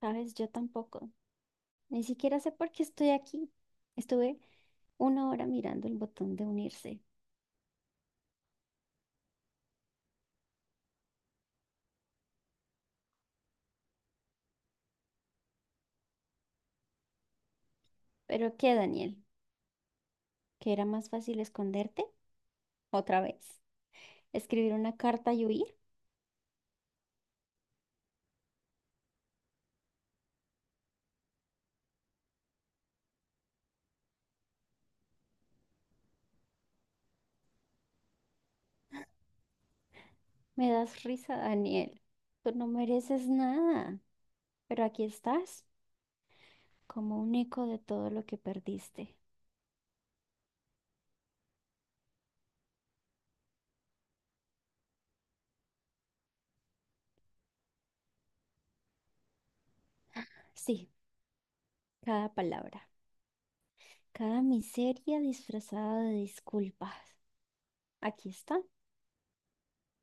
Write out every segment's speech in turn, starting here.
Sabes, yo tampoco. Ni siquiera sé por qué estoy aquí. Estuve una hora mirando el botón de unirse. ¿Pero qué, Daniel? ¿Que era más fácil esconderte? ¿Otra vez? ¿Escribir una carta y huir? Me das risa, Daniel. Tú no mereces nada. Pero aquí estás, como un eco de todo lo que perdiste. Sí, cada palabra, cada miseria disfrazada de disculpas. Aquí está.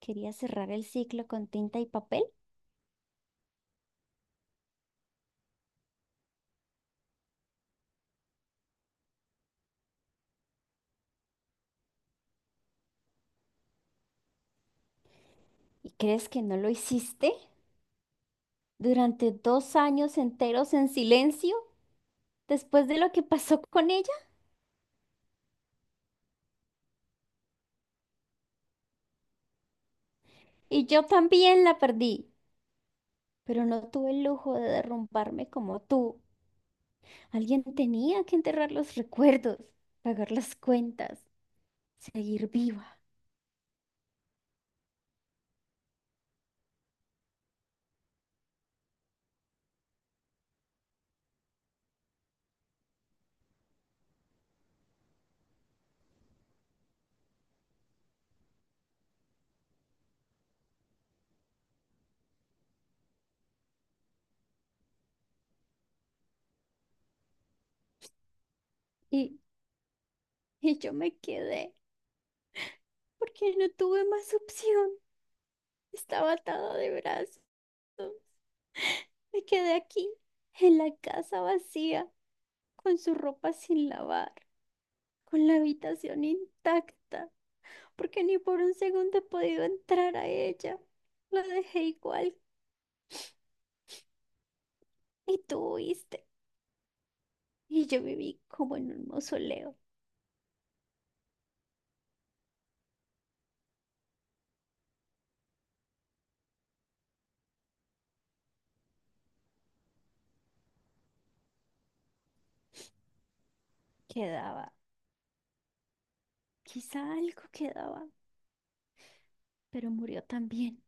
Quería cerrar el ciclo con tinta y papel. ¿Y crees que no lo hiciste? Durante 2 años enteros en silencio después de lo que pasó con ella y yo también la perdí, pero no tuve el lujo de derrumbarme como tú. Alguien tenía que enterrar los recuerdos, pagar las cuentas, seguir viva y, y yo me quedé porque no tuve más opción. Estaba atada de brazos. Me quedé aquí, en la casa vacía, con su ropa sin lavar, con la habitación intacta, porque ni por un segundo he podido entrar a ella. La dejé igual y tú huiste. Y yo viví como en un mausoleo. Quedaba, quizá algo quedaba, pero murió también.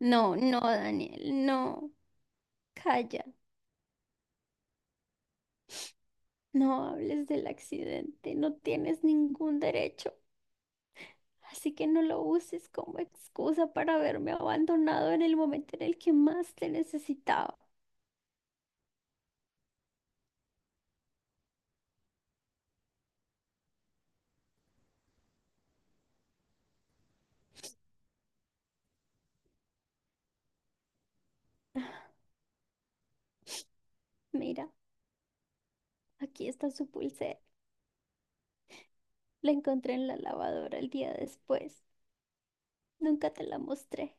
No, no, Daniel, no. Calla, no hables del accidente, no tienes ningún derecho. Así que no lo uses como excusa para haberme abandonado en el momento en el que más te necesitaba. Mira. Aquí está su pulsera. La encontré en la lavadora el día después. Nunca te la mostré.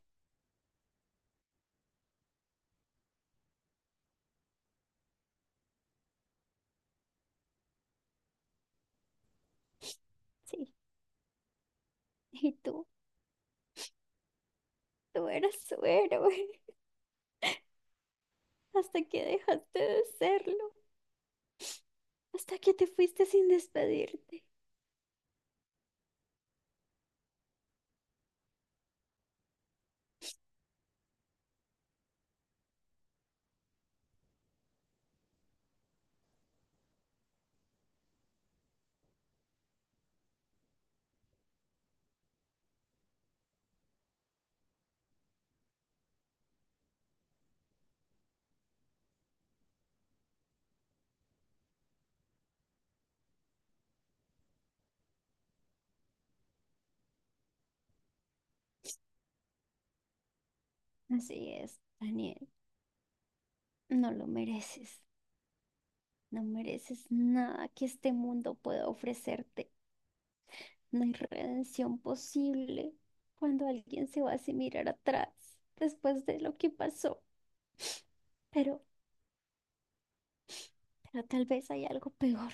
Sí. Y tú eras su héroe. Hasta que dejaste de serlo. Hasta que te fuiste sin despedirte. Así es, Daniel. No lo mereces. No mereces nada que este mundo pueda ofrecerte. No hay redención posible cuando alguien se va sin mirar atrás después de lo que pasó. Pero, pero tal vez hay algo peor.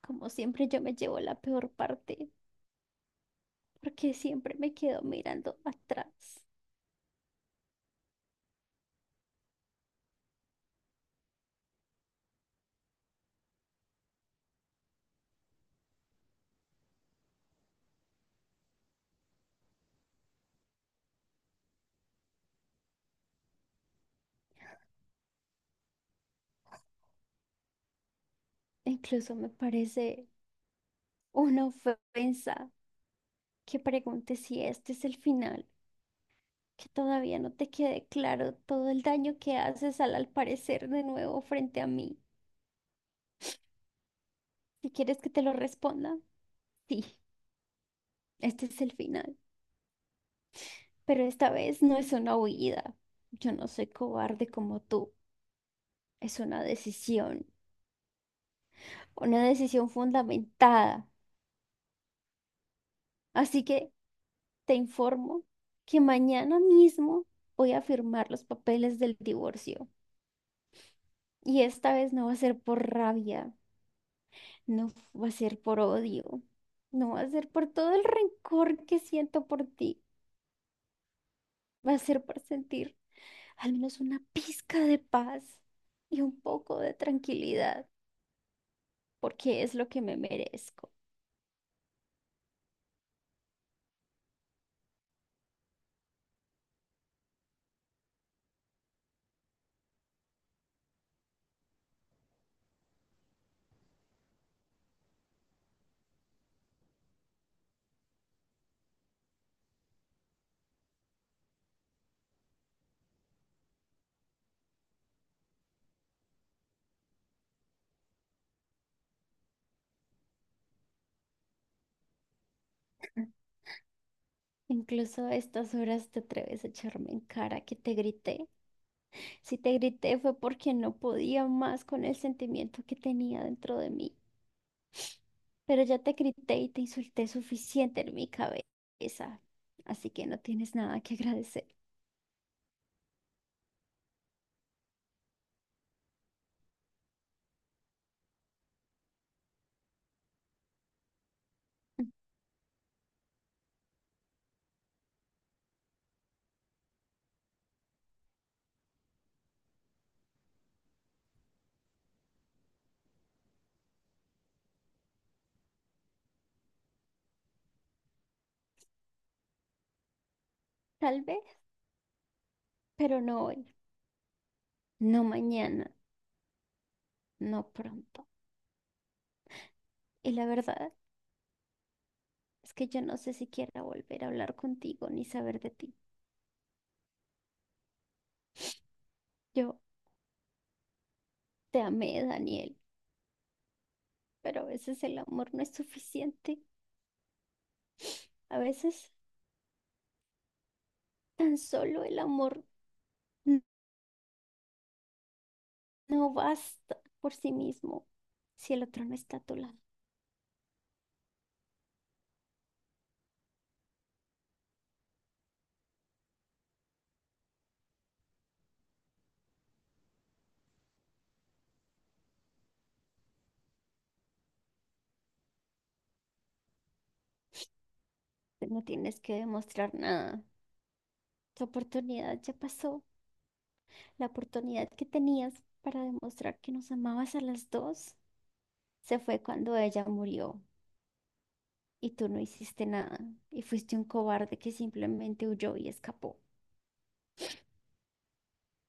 Como siempre, yo me llevo la peor parte porque siempre me quedo mirando atrás. Incluso me parece una ofensa que pregunte si este es el final, que todavía no te quede claro todo el daño que haces al parecer de nuevo frente a mí. Si quieres que te lo responda, sí, este es el final. Pero esta vez no es una huida. Yo no soy cobarde como tú. Es una decisión fundamentada. Así que... Te informo que mañana mismo voy a firmar los papeles del divorcio. Y esta vez no va a ser por rabia, no va a ser por odio, no va a ser por todo el rencor que siento por ti, va a ser por sentir al menos una pizca de paz y un poco de tranquilidad, porque es lo que me merezco. Incluso a estas horas te atreves a echarme en cara que te grité. Si te grité fue porque no podía más con el sentimiento que tenía dentro de mí, pero ya te grité y te insulté suficiente en mi cabeza, así que no tienes nada que agradecer. Tal vez, pero no hoy, no mañana, no pronto. Y la verdad es que yo no sé si quiera volver a hablar contigo ni saber de ti. Yo te amé, Daniel, pero a veces el amor no es suficiente, a veces tan solo el amor. No basta por sí mismo si el otro no está a tu lado. Pues no tienes que demostrar nada. Tu oportunidad ya pasó. La oportunidad que tenías para demostrar que nos amabas a las dos se fue cuando ella murió y tú no hiciste nada y fuiste un cobarde que simplemente huyó y escapó.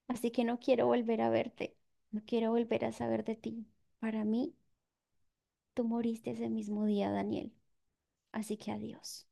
Así que no quiero volver a verte. No quiero volver a saber de ti. Para mí, tú moriste ese mismo día, Daniel. Así que adiós.